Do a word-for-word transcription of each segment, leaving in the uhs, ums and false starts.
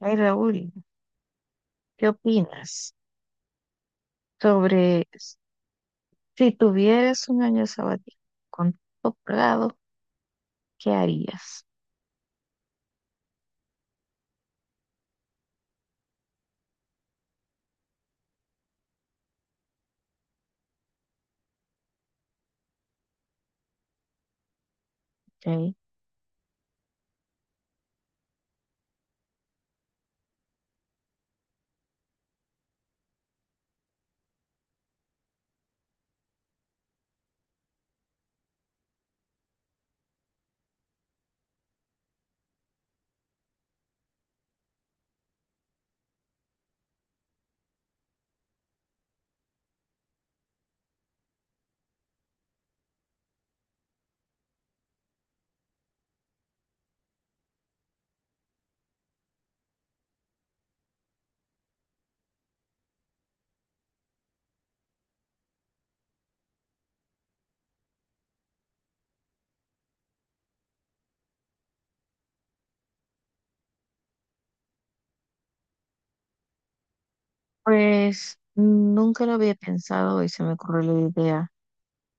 Ay, Raúl, ¿qué opinas sobre si tuvieras un año sabático con todo pagado, qué harías? Ok. Pues nunca lo había pensado y se me ocurrió la idea,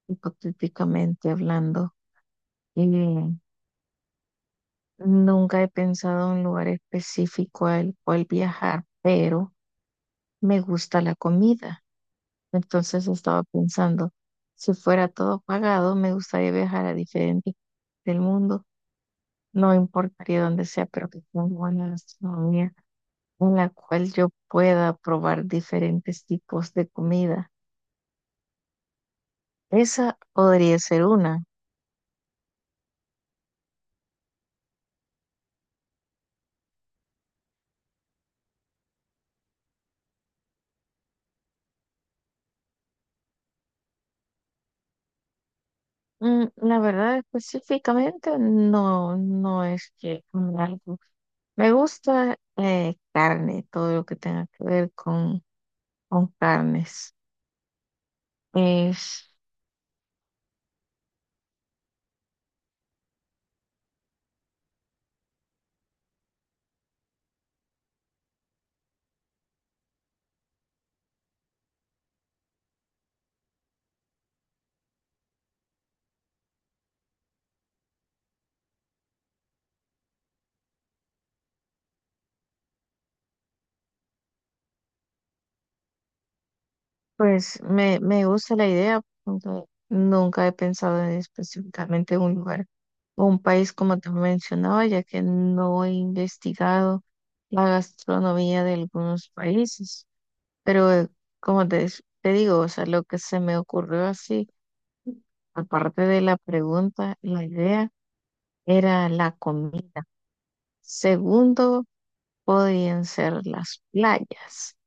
hipotéticamente hablando. Y nunca he pensado en un lugar específico al cual viajar, pero me gusta la comida. Entonces estaba pensando, si fuera todo pagado, me gustaría viajar a diferentes del mundo. No importaría dónde sea, pero que tenga buena gastronomía en la cual yo pueda probar diferentes tipos de comida. Esa podría ser una. Mm, la verdad, específicamente, no, no es que me algo. Me gusta eh, carne, todo lo que tenga que ver con, con carnes. Es. Pues me, me gusta la idea, aunque nunca he pensado en específicamente un lugar o un país como te mencionaba, ya que no he investigado la gastronomía de algunos países. Pero eh, como te, des- te digo, o sea, lo que se me ocurrió así, aparte de la pregunta, la idea era la comida. Segundo, podían ser las playas.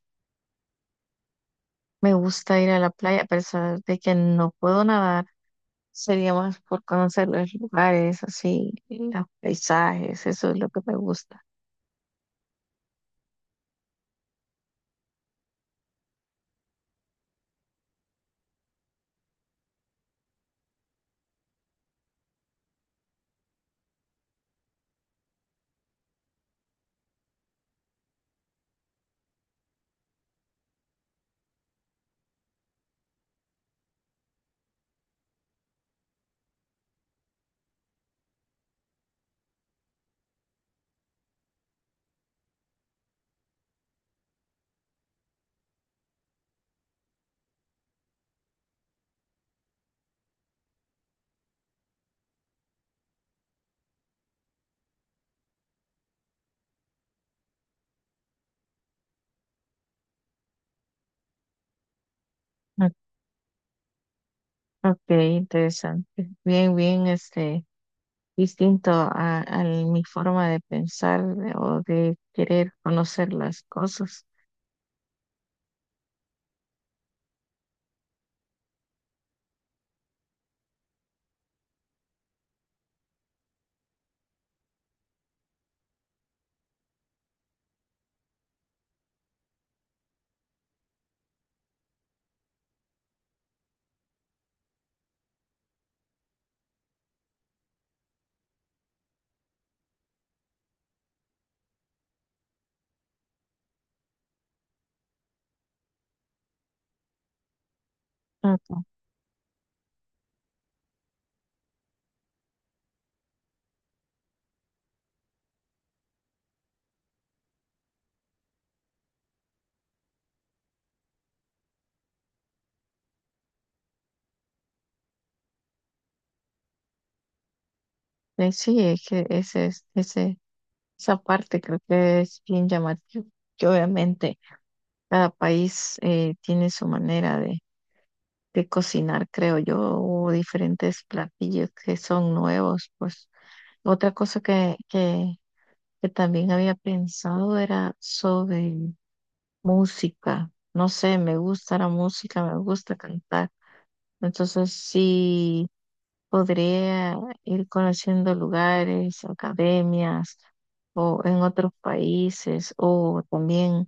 Me gusta ir a la playa a pesar de que no puedo nadar. Sería más por conocer los lugares, así, y los paisajes, eso es lo que me gusta. Mm, Ok, interesante. Bien, bien, este, distinto a, a mi forma de pensar o de querer conocer las cosas. Ok. Eh, Sí, es que ese, es- ese, esa parte creo que es bien llamativa. Que obviamente cada país eh, tiene su manera de, de cocinar, creo yo, o diferentes platillos que son nuevos, pues. Otra cosa que, que, que también había pensado era sobre música. No sé, me gusta la música, me gusta cantar. Entonces sí podría ir conociendo lugares, academias o en otros países o también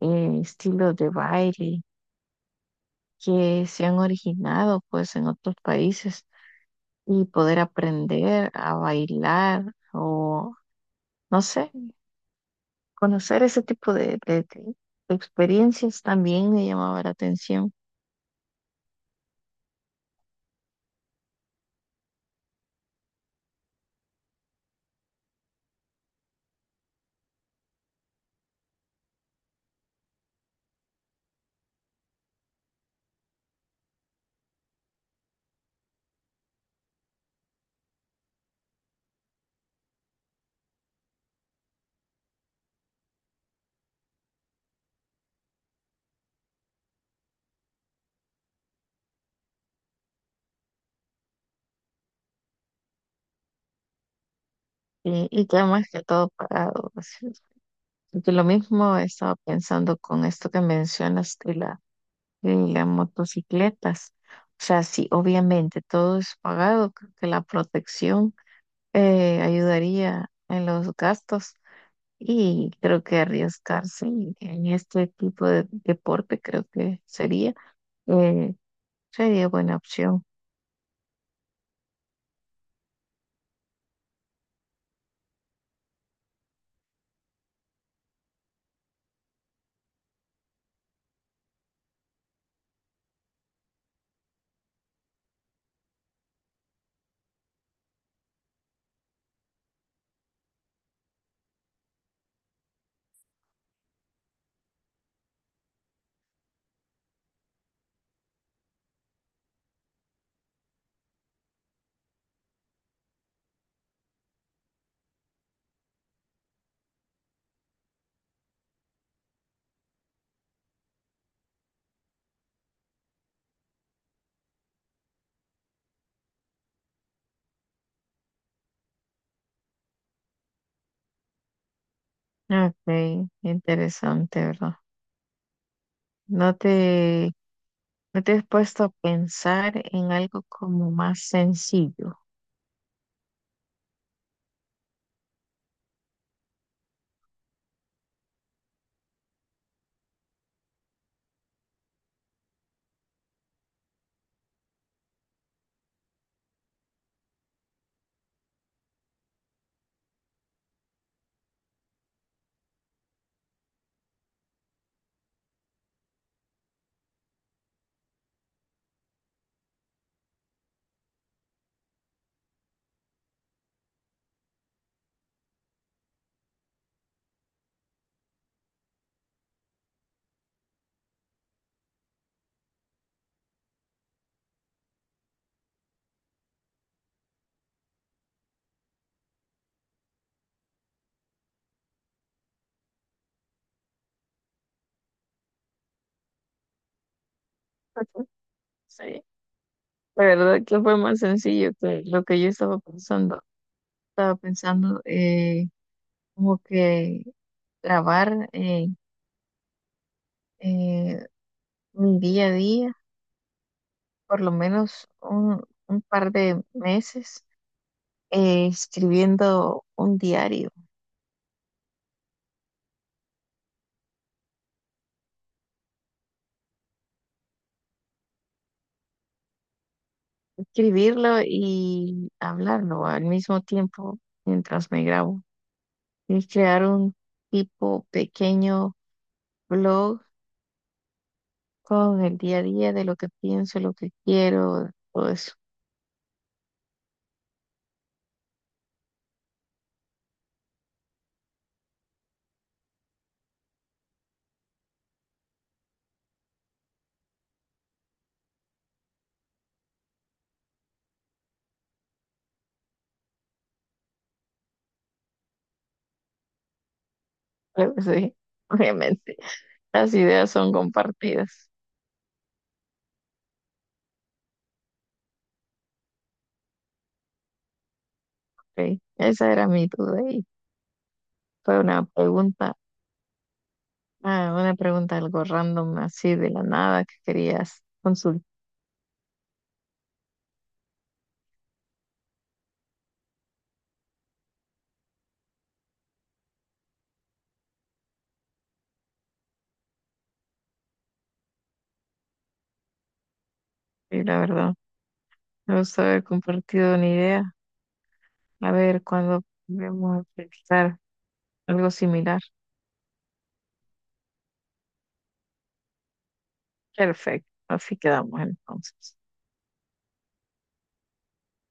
eh, estilos de baile que se han originado pues en otros países y poder aprender a bailar o no sé. Conocer ese tipo de, de- de experiencias también me llamaba la atención. Y, y ya más que todo pagado. Así es. Porque lo mismo estaba pensando con esto que mencionas de la, de las motocicletas. O sea, sí, obviamente todo es pagado, creo que la protección eh, ayudaría en los gastos y creo que arriesgarse en, en este tipo de deporte creo que sería, eh, sería buena opción. Ok, interesante, ¿verdad? No te, no te has puesto a pensar en algo como más sencillo. Ujú. Sí, la verdad que fue más sencillo que lo que yo estaba pensando. Estaba pensando eh, como que grabar eh, eh, mi día a día, por lo menos un, un par de meses, eh, escribiendo un diario, escribirlo y hablarlo al mismo tiempo mientras me grabo. Y crear un tipo pequeño blog con el día a día de lo que pienso, lo que quiero, todo eso. Pero sí, obviamente, las ideas son compartidas. Ok, esa era mi duda y fue una pregunta, ah, una pregunta algo random así de la nada que querías consultar, y la verdad. Me gusta haber compartido una idea. A ver cuándo vamos a pensar algo similar. Perfecto, así quedamos entonces.